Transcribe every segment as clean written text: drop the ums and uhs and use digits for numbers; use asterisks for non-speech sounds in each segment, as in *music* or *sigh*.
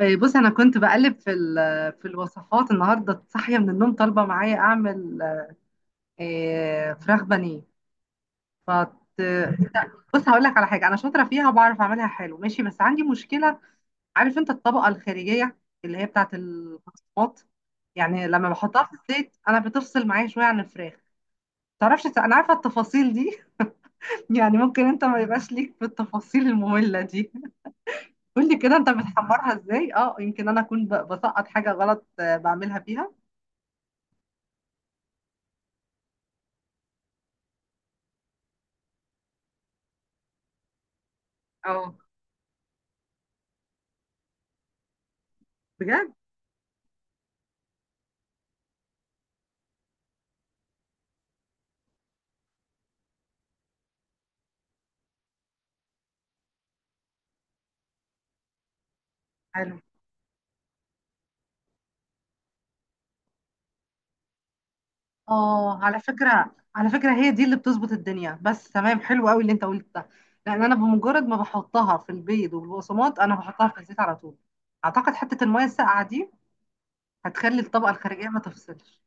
إيه، بص انا كنت بقلب في الوصفات النهارده، صاحيه من النوم طالبه معايا اعمل إيه، فراخ بانيه. فت... بص هقول لك على حاجه انا شاطره فيها وبعرف اعملها حلو ماشي، بس عندي مشكله. عارف انت الطبقه الخارجيه اللي هي بتاعت البقسماط، يعني لما بحطها في الزيت انا بتفصل معايا شويه عن الفراخ. تعرفش انا عارفه التفاصيل دي؟ *laughs* يعني ممكن انت ما يبقاش ليك في التفاصيل الممله دي. قول لي كده انت بتحمرها ازاي؟ اه يمكن انا اكون بسقط حاجه غلط. بعملها فيها. اه، بجد. حلو. اه، على فكرة على فكرة هي دي اللي بتظبط الدنيا، بس تمام حلو قوي اللي انت قلت ده. لان انا بمجرد ما بحطها في البيض والبقسماط انا بحطها في الزيت على طول. اعتقد حتة المية الساقعة دي هتخلي الطبقة الخارجية ما تفصلش.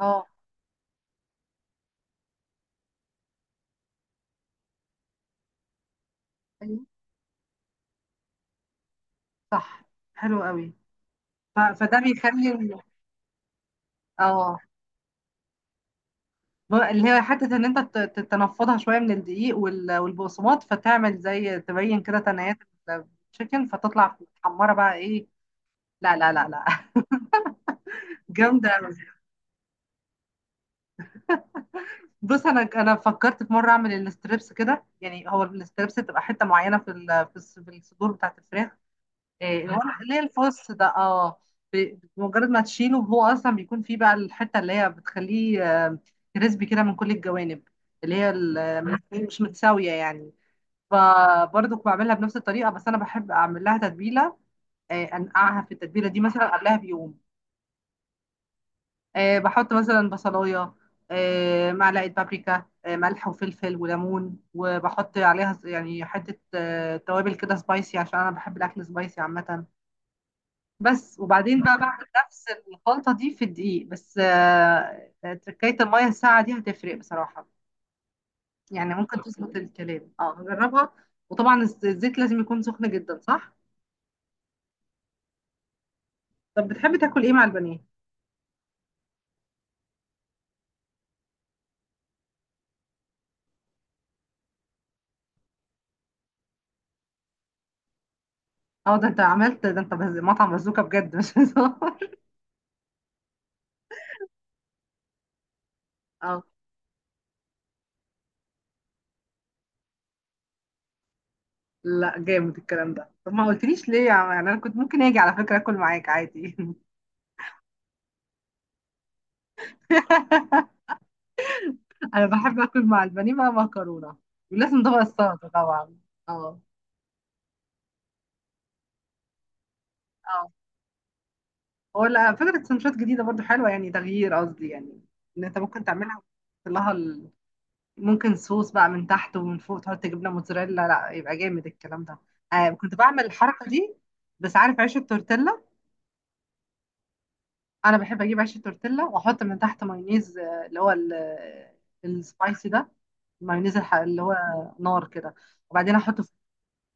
اه، ايوه، صح، حلو قوي. فده بيخلي اه. اللي هي حتة ان انت تنفضها شوية من الدقيق والبقسماط فتعمل زي تبين كده تنايات التشيكن فتطلع محمرة بقى ايه. لا لا لا لا. *laughs* جامدة. بص انا فكرت في مره اعمل الستريبس كده، يعني هو الستريبس تبقى حته معينه في الصدور بتاعت الفراخ. إيه، اللي هو اللي هي الفص ده. اه، بمجرد ما تشيله هو اصلا بيكون فيه بقى الحته اللي هي بتخليه، كريسبي كده من كل الجوانب. اللي هي مش متساويه يعني. فبرضه بعملها بنفس الطريقه، بس انا بحب اعمل لها تتبيله. انقعها في التتبيله دي مثلا قبلها بيوم. بحط مثلا بصلايه، معلقه بابريكا، ملح وفلفل وليمون، وبحط عليها يعني حته توابل كده سبايسي عشان انا بحب الاكل سبايسي عامه. بس وبعدين بقى بعمل نفس الخلطه دي في الدقيق، بس تركايه الميه الساقعه دي هتفرق بصراحه. يعني ممكن تظبط الكلام. اه، هجربها. وطبعا الزيت لازم يكون سخن جدا، صح؟ طب بتحب تاكل ايه مع البانيه؟ اه، ده انت عملت ده، انت مطعم بازوكا بجد مش هزار. اه، لا جامد الكلام ده، طب ما قلتليش ليه يا عم؟ يعني انا كنت ممكن اجي على فكره اكل معاك عادي. *laughs* انا بحب اكل مع البانيه بقى مكرونه، ولازم طبق السلطه طبعا. اه، اه. هو لا فكره سندوتشات جديده برضو حلوه يعني تغيير قصدي يعني. ان انت ممكن تعملها وتحط لها ممكن صوص بقى من تحت ومن فوق تحط جبنه موتزاريلا، لا يبقى جامد الكلام ده. آه كنت بعمل الحركه دي. بس عارف عيش التورتيلا؟ انا بحب اجيب عيش التورتيلا واحط من تحت مايونيز، آه، اللي هو ال- آه، السبايسي ده، المايونيز اللي هو نار كده، وبعدين احط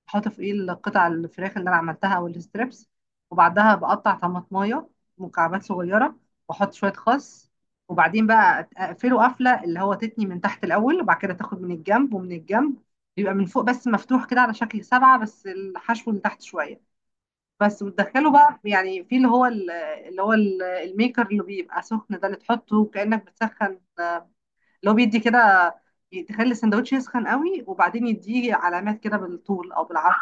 احط فوقيه القطع الفراخ اللي انا عملتها او الستريبس، وبعدها بقطع طماطمايه مكعبات صغيره، واحط شويه خس، وبعدين بقى اقفله قفله اللي هو تتني من تحت الاول، وبعد كده تاخد من الجنب ومن الجنب، بيبقى من فوق بس مفتوح كده على شكل سبعه، بس الحشو من تحت شويه بس، وتدخله بقى يعني في اللي هو الميكر اللي بيبقى سخن ده، اللي تحطه كأنك بتسخن، اللي هو بيدي كده، تخلي السندوتش يسخن قوي، وبعدين يديه علامات كده بالطول او بالعرض.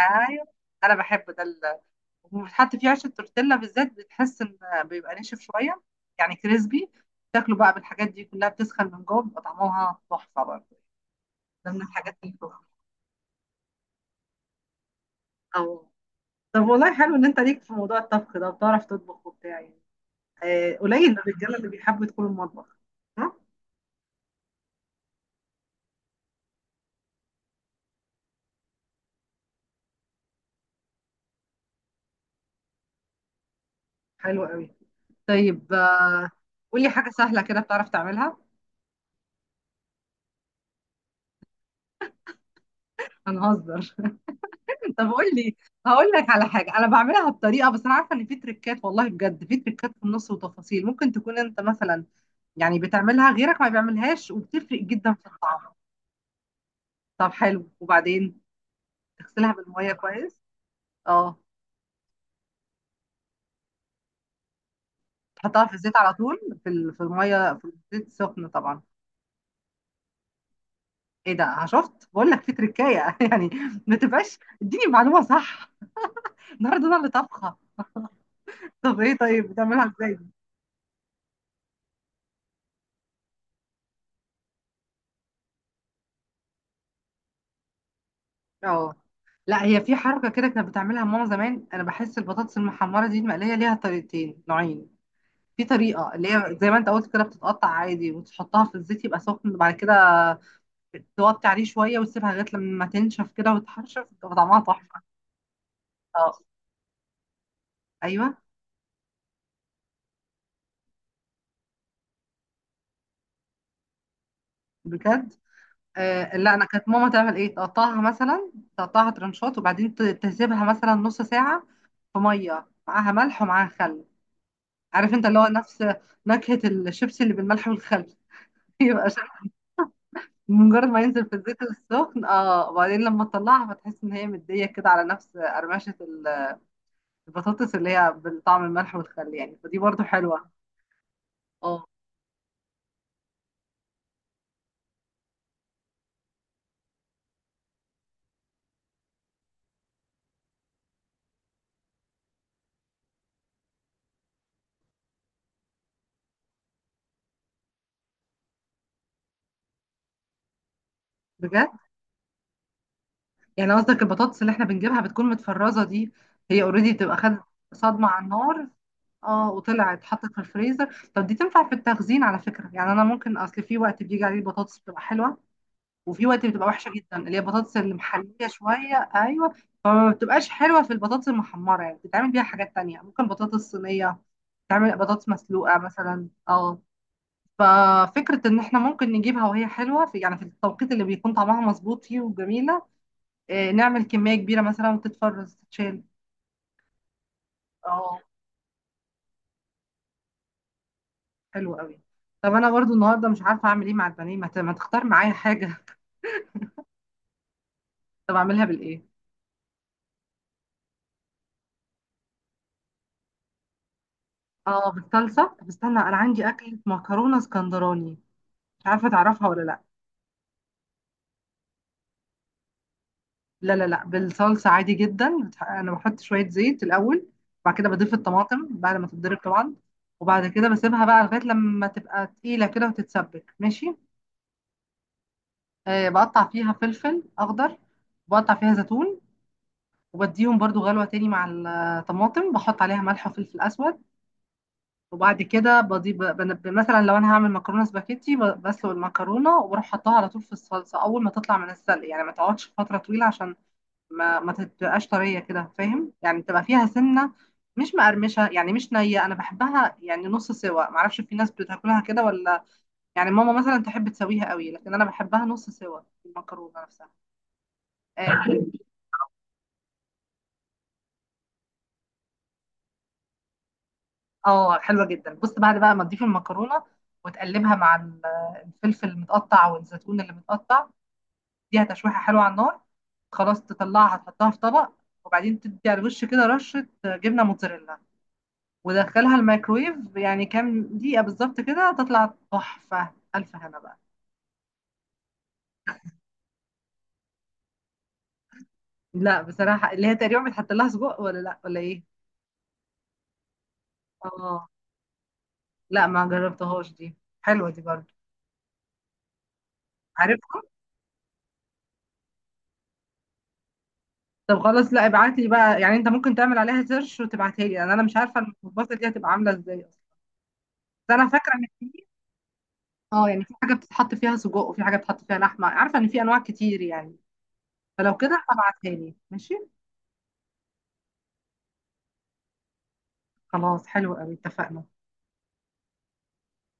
ايوه، انا بحب ده وبتحط فيه عيش التورتيلا بالذات بتحس ان بيبقى ناشف شويه يعني كريسبي، تاكله بقى بالحاجات دي كلها بتسخن من جوه بيبقى طعمها تحفه برضه. ده من الحاجات اللي بتبقى- اه. طب والله حلو ان انت ليك في موضوع الطبخ ده وبتعرف تطبخ وبتاع يعني. قليل الرجاله اللي بيحبوا يدخلوا المطبخ. ها، حلو قوي. طيب، قولي حاجه سهله كده بتعرف تعملها. هنهزر؟ *laughs* طب قولي. هقول لك على حاجه انا بعملها بطريقه، بس انا عارفه ان في تريكات، والله بجد في تريكات في النص وتفاصيل ممكن تكون انت مثلا يعني بتعملها غيرك ما بيعملهاش وبتفرق جدا في الطعم. طب حلو، وبعدين تغسلها بالميه كويس. اه، تحطها في الزيت على طول في في الميه في الزيت سخن طبعا. ايه ده؟ شفت بقول لك في تركايه؟ *laughs* يعني ما تبقاش اديني معلومه صح. النهارده انا اللي طبخه. طب ايه؟ طيب بتعملها ازاي دي؟ اه، لا هي في حركه كده كانت بتعملها ماما زمان. انا بحس البطاطس المحمره دي المقليه ليها طريقتين نوعين. في طريقه اللي هي زي ما انت قلت كده بتتقطع عادي وتحطها في الزيت يبقى سخن، وبعد كده توطي عليه شويه وتسيبها لغايه لما تنشف كده وتحرشف، بتبقى طعمها تحفه. اه، ايوه، بجد. آه، لا انا كانت ماما تعمل ايه، تقطعها مثلا تقطعها ترنشات، وبعدين تسيبها مثلا نص ساعه في ميه معاها ملح ومعاها خل. عارف انت اللي هو نفس نكهه الشيبسي اللي بالملح والخل؟ *laughs* يبقى شكل مجرد ما ينزل في الزيت السخن اه، وبعدين لما تطلعها فتحس ان هي مديه كده على نفس قرمشه البطاطس اللي هي بالطعم الملح والخل يعني، فدي برضو حلوه. اه، بجد؟ يعني قصدك البطاطس اللي احنا بنجيبها بتكون متفرزة دي هي اوريدي بتبقى خدت صدمة على النار. اه، وطلعت اتحطت في الفريزر. طب دي تنفع في التخزين على فكرة، يعني انا ممكن اصل في وقت بيجي عليه البطاطس بتبقى حلوة وفي وقت بتبقى وحشة جدا، اللي هي البطاطس المحلية شوية، ايوه. فما بتبقاش حلوة في البطاطس المحمرة، يعني بتتعمل بيها حاجات تانية، ممكن بطاطس صينية، تعمل بطاطس مسلوقة مثلا. اه، ففكرة ان احنا ممكن نجيبها وهي حلوة في يعني في التوقيت اللي بيكون طعمها مظبوط فيه وجميلة، نعمل كمية كبيرة مثلا وتتفرز تتشال. اه، حلو قوي. طب انا برضو النهارده مش عارفة اعمل ايه مع البانيه، ما ما تختار معايا حاجة؟ *laughs* طب اعملها بالايه؟ اه، بالصلصة. طب استنى، انا عندي اكلة مكرونة اسكندراني، مش عارفة تعرفها ولا لا؟ لا لا لا، بالصلصة عادي جدا، انا بحط شوية زيت الاول، بعد كده بضيف الطماطم بعد ما تتضرب طبعا، وبعد كده بسيبها بقى لغاية لما تبقى تقيلة كده وتتسبك ماشي. آه، بقطع فيها فلفل اخضر، بقطع فيها زيتون، وبديهم برضو غلوة تاني مع الطماطم، بحط عليها ملح وفلفل أسود، وبعد كده بضيف مثلا لو أنا هعمل مكرونة سباكيتي بسلق المكرونة وبروح حطها على طول في الصلصة أول ما تطلع من السلق، يعني ما تقعدش فترة طويلة عشان ما تبقاش طرية كده فاهم يعني، تبقى فيها سنة مش مقرمشة يعني مش نية، أنا بحبها يعني نص سوا، معرفش في ناس بتاكلها كده ولا، يعني ماما مثلا تحب تسويها قوي لكن أنا بحبها نص سوا المكرونة نفسها. آه، اه حلوة جدا. بص بعد بقى ما تضيف المكرونة وتقلبها مع الفلفل المتقطع والزيتون اللي متقطع، دي تشويحة حلوة على النار، خلاص تطلعها تحطها في طبق، وبعدين تدي على الوش كده رشة جبنة موتزاريلا ودخلها الميكرويف يعني كام دقيقة بالظبط كده تطلع تحفة ألف هنا بقى. لا بصراحة، اللي هي تقريبا بتحط لها سجق ولا لا ولا ايه؟ اه، لا ما جربتهاش دي. حلوة دي برضو. عارف، طب خلاص لا ابعت لي بقى، يعني انت ممكن تعمل عليها سيرش وتبعتها لي لان انا مش عارفه المخبوزه دي هتبقى عامله ازاي اصلا، بس انا فاكره ان في اه، يعني في حاجه بتتحط فيها سجق وفي حاجه بتتحط فيها لحمه، عارفه ان في انواع كتير يعني، فلو كده ابعتها لي ماشي. خلاص حلو قوي اتفقنا